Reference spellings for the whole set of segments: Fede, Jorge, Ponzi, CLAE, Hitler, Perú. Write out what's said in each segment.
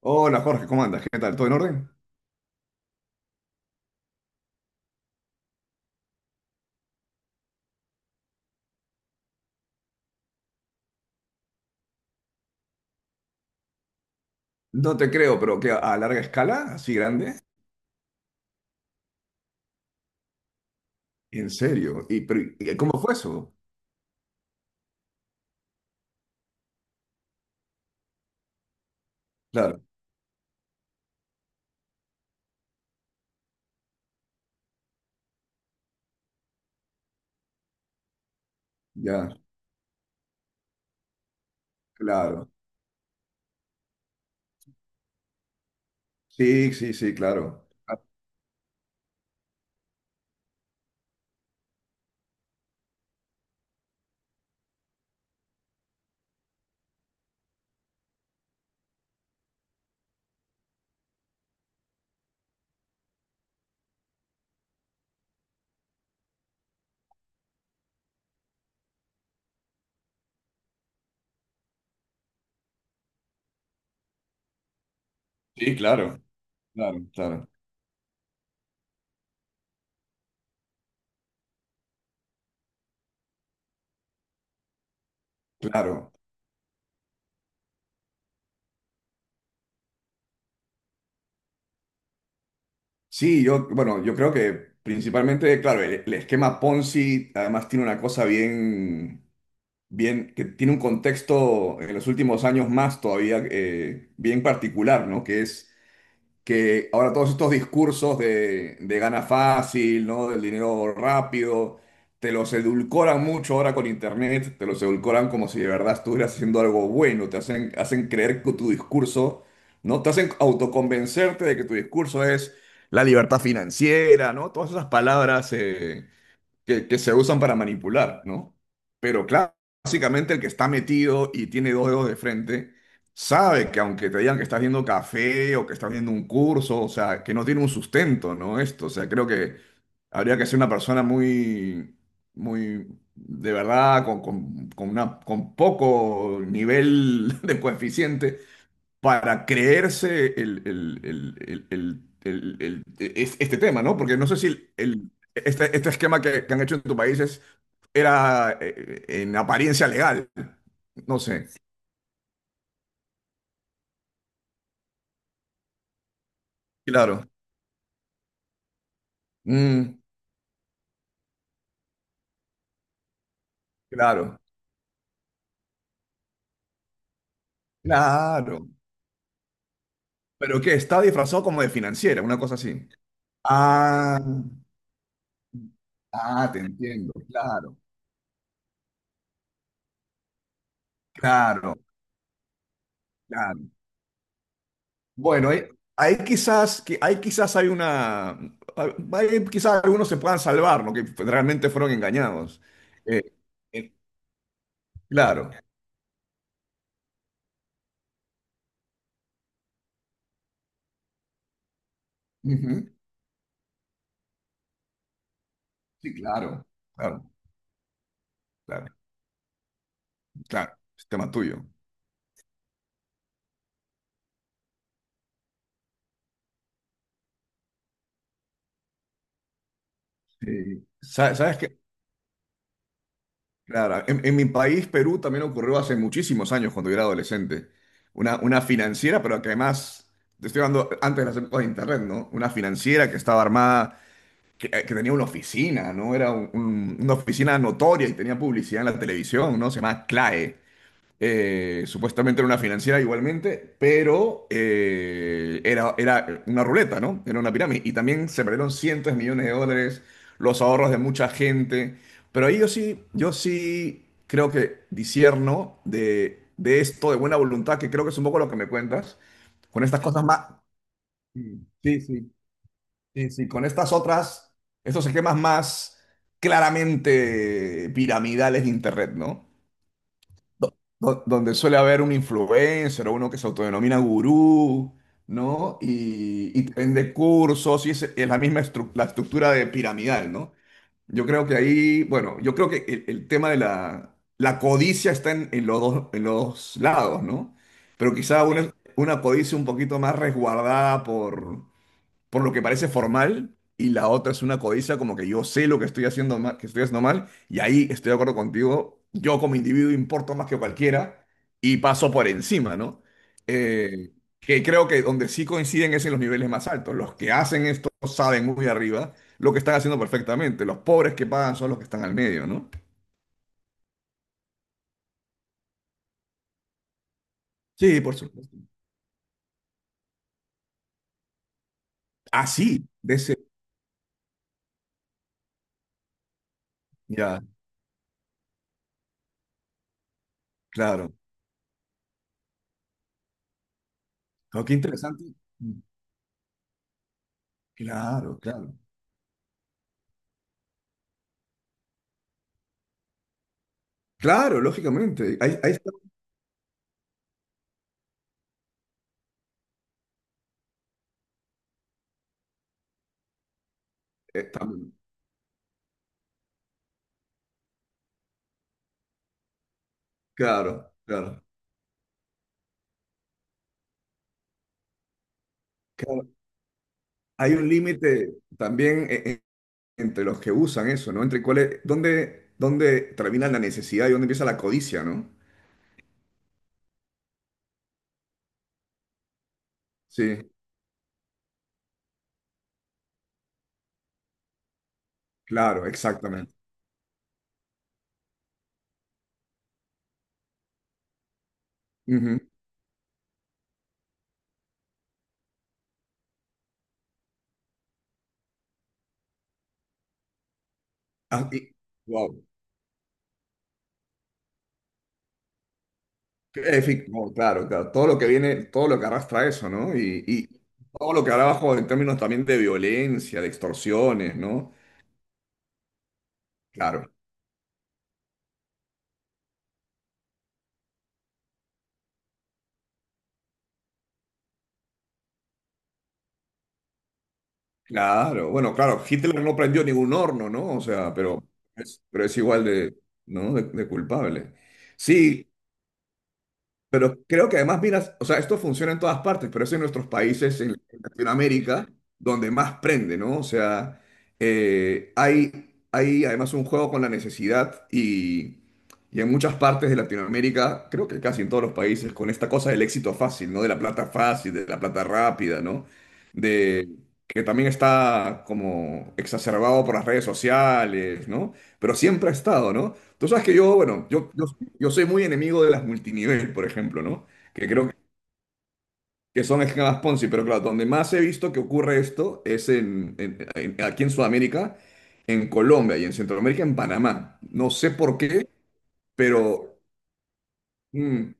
Hola Jorge, ¿cómo andas? ¿Qué tal? ¿Todo en orden? No te creo, pero que a larga escala, así grande, en serio. Y pero, ¿y cómo fue eso? Claro, ya, claro. Sí, sí, sí, claro. Ah, sí, claro, claro, claro, claro. Sí, yo, bueno, yo creo que principalmente, claro, el esquema Ponzi además tiene una cosa bien, bien, que tiene un contexto en los últimos años más todavía bien particular, ¿no? Que es que ahora todos estos discursos de gana fácil, ¿no? Del dinero rápido, te los edulcoran mucho ahora con internet, te los edulcoran como si de verdad estuvieras haciendo algo bueno, te hacen creer que tu discurso, ¿no? Te hacen autoconvencerte de que tu discurso es la libertad financiera, ¿no? Todas esas palabras que se usan para manipular, ¿no? Pero claro, básicamente el que está metido y tiene dos dedos de frente, sabe que aunque te digan que estás viendo café o que estás viendo un curso, o sea, que no tiene un sustento, ¿no? Esto, o sea, creo que habría que ser una persona muy, muy, de verdad, con poco nivel de coeficiente para creerse este tema, ¿no? Porque no sé si este esquema que han hecho en tu país era en apariencia legal. No sé. Claro. Mm, claro. Claro. Pero que está disfrazado como de financiera, una cosa así. Ah, ah, te entiendo. Claro, claro, claro. Bueno, hay quizás, que hay quizás hay una, hay quizás algunos se puedan salvar, ¿no? Que realmente fueron engañados. Eh, eh, claro. Ujú. Sí, claro, claro, claro, claro. Es tema tuyo. Sí. ¿Sabes qué? Claro, en mi país, Perú, también ocurrió hace muchísimos años cuando yo era adolescente. Una financiera, pero que además, te estoy hablando antes de las épocas de Internet, ¿no? Una financiera que estaba armada que tenía una oficina, ¿no? Era una oficina notoria y tenía publicidad en la televisión, ¿no? Se llama CLAE. Supuestamente era una financiera igualmente, pero era una ruleta, ¿no? Era una pirámide. Y también se perdieron cientos de millones de dólares, los ahorros de mucha gente. Pero ahí yo sí creo que disierno de esto, de buena voluntad, que creo que es un poco lo que me cuentas, con estas cosas más. Sí, sí. Sí, sí, con estas otras, estos esquemas más claramente piramidales de Internet, ¿no? Donde suele haber un influencer o uno que se autodenomina gurú, ¿no? Y te vende cursos y es la misma estru- la estructura de piramidal, ¿no? Yo creo que ahí, bueno, yo creo que el tema de la codicia está en los dos, en los lados, ¿no? Pero quizá una codicia un poquito más resguardada por lo que parece formal, y la otra es una codicia como que yo sé lo que estoy haciendo mal, que estoy haciendo mal, y ahí estoy de acuerdo contigo, yo como individuo importo más que cualquiera y paso por encima, ¿no? Eh, que creo que donde sí coinciden es en los niveles más altos. Los que hacen esto saben muy arriba lo que están haciendo perfectamente. Los pobres que pagan son los que están al medio, ¿no? Sí, por supuesto. Así, de ese. Ya, claro. Oh, qué interesante. Mm, claro, claro. Claro, lógicamente. Ahí está. Claro, claro, claro. Hay un límite también entre los que usan eso, ¿no? Entre cuáles, dónde, termina la necesidad y dónde empieza la codicia, ¿no? Sí, claro, exactamente. Ujú. Ah, wow. En fin, no, claro, claro. Todo lo que viene, todo lo que arrastra eso, ¿no? Y todo lo que habrá abajo en términos también de violencia, de extorsiones, ¿no? Claro. Claro, bueno, claro, Hitler no prendió ningún horno, ¿no? O sea, pero es igual de, ¿no? de culpable. Sí, pero creo que además, mira, o sea, esto funciona en todas partes, pero es en nuestros países, en Latinoamérica, donde más prende, ¿no? O sea, hay además un juego con la necesidad y en muchas partes de Latinoamérica, creo que casi en todos los países, con esta cosa del éxito fácil, ¿no? De la plata fácil, de la plata rápida, ¿no? De, que también está como exacerbado por las redes sociales, ¿no? Pero siempre ha estado, ¿no? Tú sabes que yo, bueno, yo soy muy enemigo de las multinivel, por ejemplo, ¿no? Que creo que son esquemas Ponzi, pero claro, donde más he visto que ocurre esto es aquí en Sudamérica, en Colombia y en Centroamérica, en Panamá. No sé por qué, pero mm,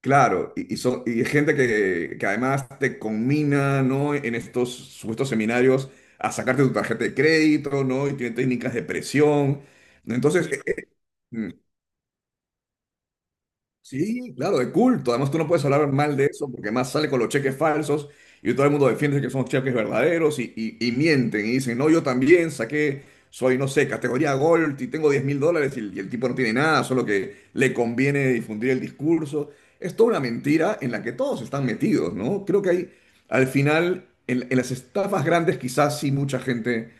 claro, y, y gente que además te conmina, ¿no? En estos supuestos seminarios a sacarte tu tarjeta de crédito, ¿no? Y tiene técnicas de presión. Entonces, mm, sí, claro, de culto. Además, tú no puedes hablar mal de eso porque más sale con los cheques falsos y todo el mundo defiende que son cheques verdaderos y mienten y dicen, no, yo también saqué, soy, no sé, categoría Gold y tengo 10.000 dólares y el tipo no tiene nada, solo que le conviene difundir el discurso. Es toda una mentira en la que todos están metidos, ¿no? Creo que hay, al final, en las estafas grandes quizás sí mucha gente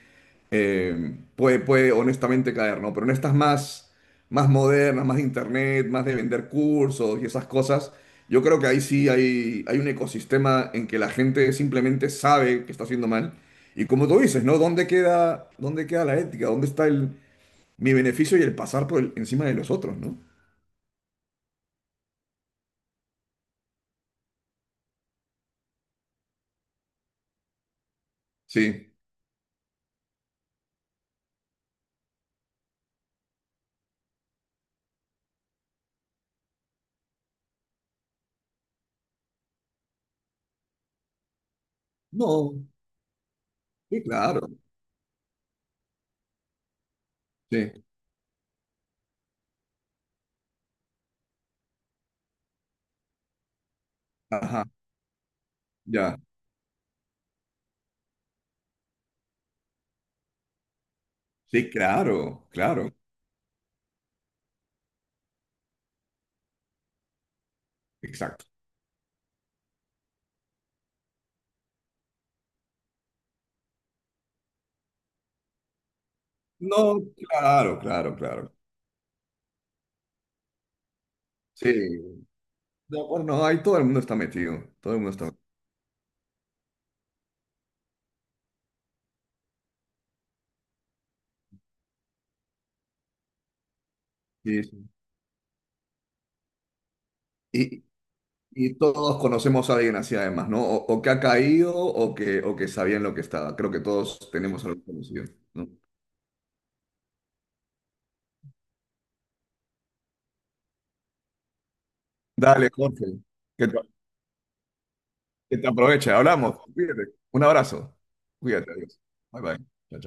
puede honestamente caer, ¿no? Pero en estas más modernas, más de internet, más de vender cursos y esas cosas, yo creo que ahí sí hay un ecosistema en que la gente simplemente sabe que está haciendo mal. Y como tú dices, ¿no? ¿Dónde queda la ética? ¿Dónde está mi beneficio y el pasar por encima de los otros, ¿no? Sí. No, sí, claro. Sí. Ajá, ya. Sí, claro, claro. Exacto. No, claro, claro, claro. Sí, no, acuerdo, no, ahí todo el mundo está metido, todo el mundo está metido. Sí, sí. Y, y todos conocemos a alguien así además, ¿no? O que ha caído o o que sabían lo que estaba. Creo que todos tenemos algo conocido, ¿no? Dale, Jorge, que te, que te aproveche. Hablamos. Cuídate. Un abrazo. Cuídate, adiós. Bye bye. Chao.